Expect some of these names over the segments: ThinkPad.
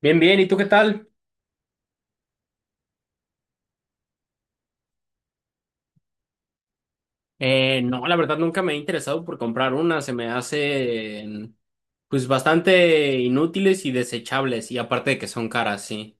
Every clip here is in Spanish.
Bien, bien, ¿y tú qué tal? No, la verdad nunca me he interesado por comprar una, se me hacen pues bastante inútiles y desechables y aparte de que son caras, sí.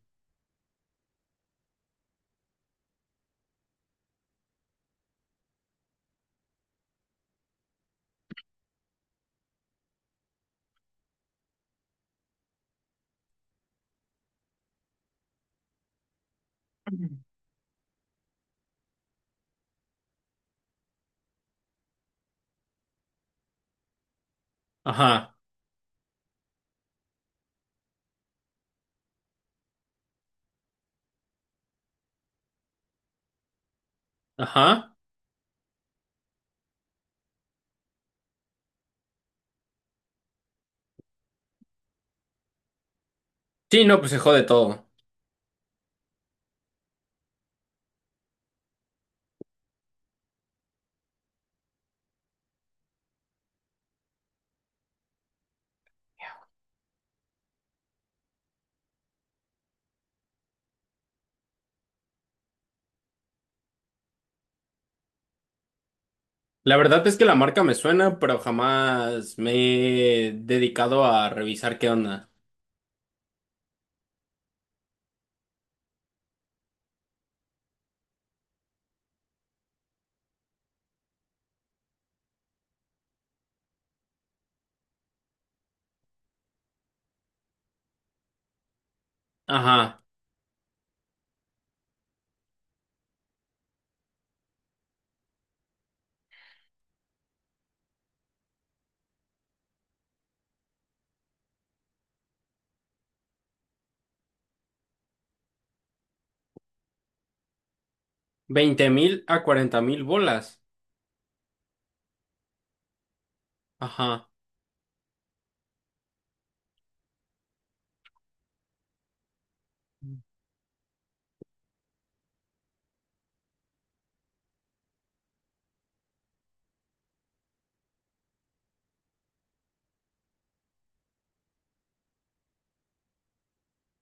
Ajá, ajá. Sí, no, pues se jode todo. La verdad es que la marca me suena, pero jamás me he dedicado a revisar qué onda. Ajá. 20.000 a 40.000 bolas. Ajá.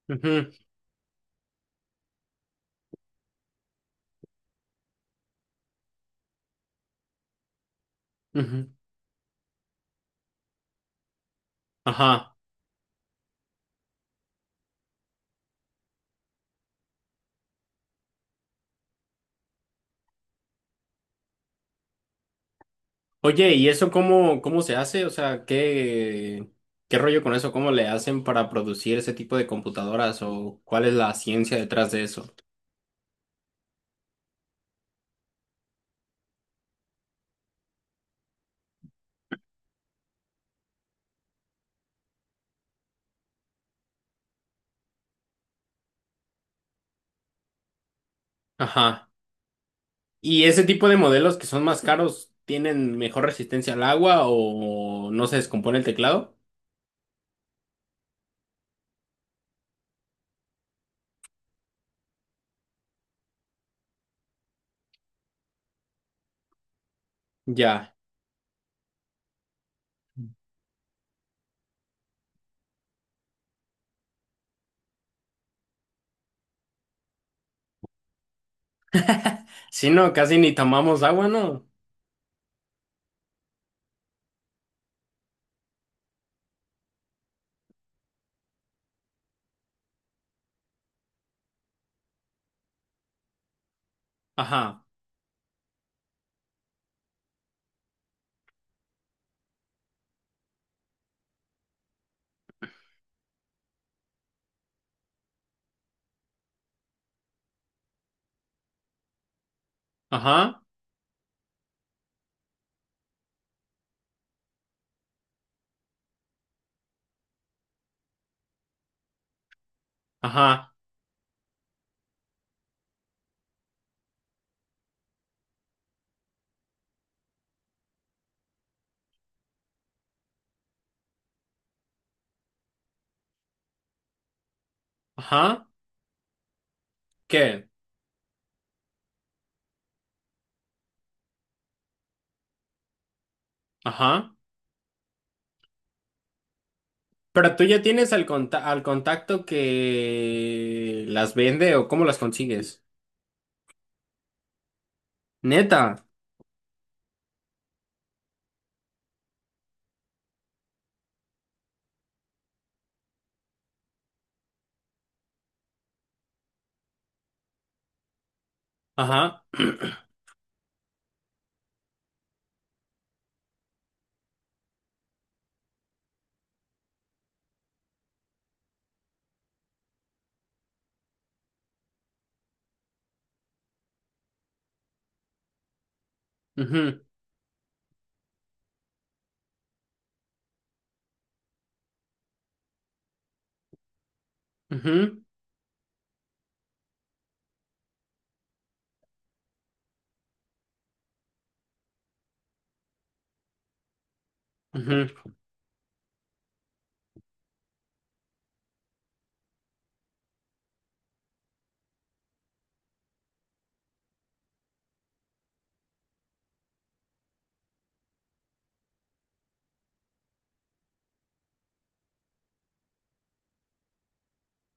Ujú, ujú, ajá. Oye, ¿y eso cómo se hace? O sea, ¿qué rollo con eso? ¿Cómo le hacen para producir ese tipo de computadoras o cuál es la ciencia detrás de eso? Ajá. ¿Y ese tipo de modelos que son más caros tienen mejor resistencia al agua o no se descompone el teclado? Ya. Si no, casi ni tomamos agua, ¿no? Ajá, ajá, ajá, ajá. ¿Qué? Ajá. Pero tú ya tienes al al contacto que las vende o cómo las consigues. Neta. Ajá. Ujú, ujú, ujú.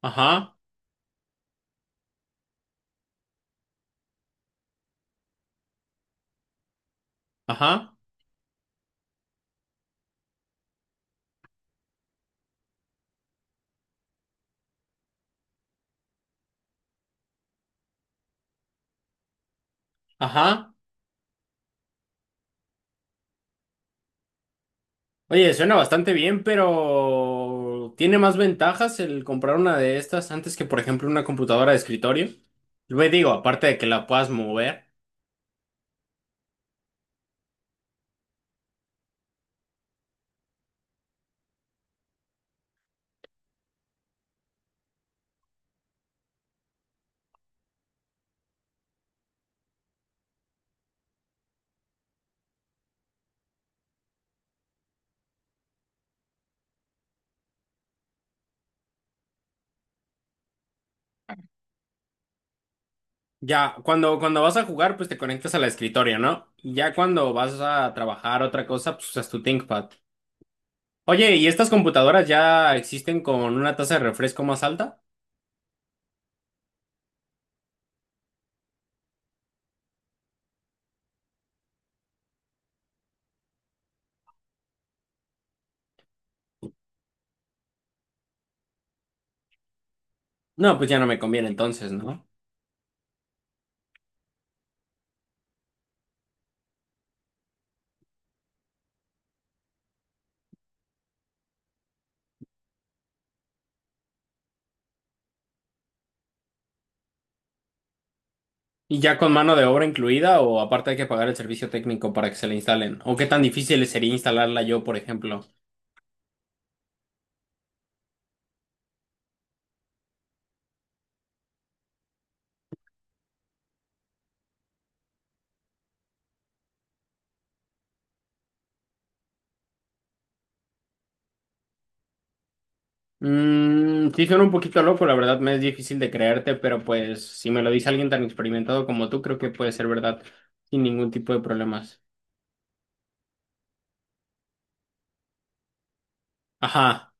Ajá, ajá, ajá. Oye, suena bastante bien, pero ¿tiene más ventajas el comprar una de estas antes que, por ejemplo, una computadora de escritorio? Lo digo, aparte de que la puedas mover. Ya, cuando vas a jugar, pues te conectas a la escritorio, ¿no? Y ya cuando vas a trabajar otra cosa, pues usas tu ThinkPad. Oye, ¿y estas computadoras ya existen con una tasa de refresco más alta? No, pues ya no me conviene entonces, ¿no? ¿Y ya con mano de obra incluida o aparte hay que pagar el servicio técnico para que se la instalen? ¿O qué tan difícil sería instalarla yo, por ejemplo? Mm, sí, suena un poquito loco, la verdad me es difícil de creerte, pero pues si me lo dice alguien tan experimentado como tú, creo que puede ser verdad sin ningún tipo de problemas. Ajá,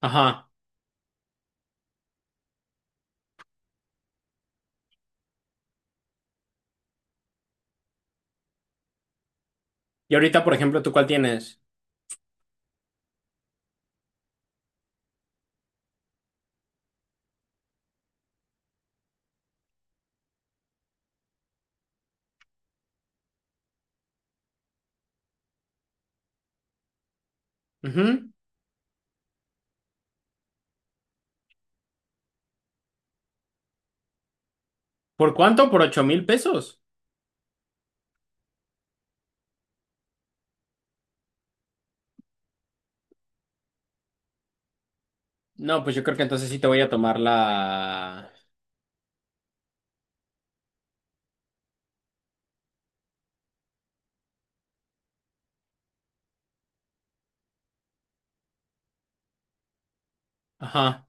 ajá. Y ahorita, por ejemplo, ¿tú cuál tienes? Ujú. ¿Por cuánto? ¿Por 8.000 pesos? No, pues yo creo que entonces sí te voy a tomar la... Ajá.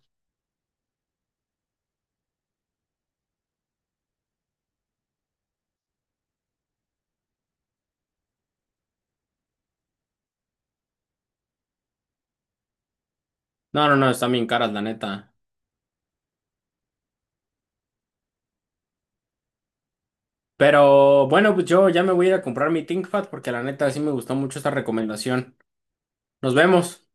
No, no, no, están bien caras, la neta. Pero bueno, pues yo ya me voy a ir a comprar mi ThinkPad porque la neta sí me gustó mucho esta recomendación. Nos vemos.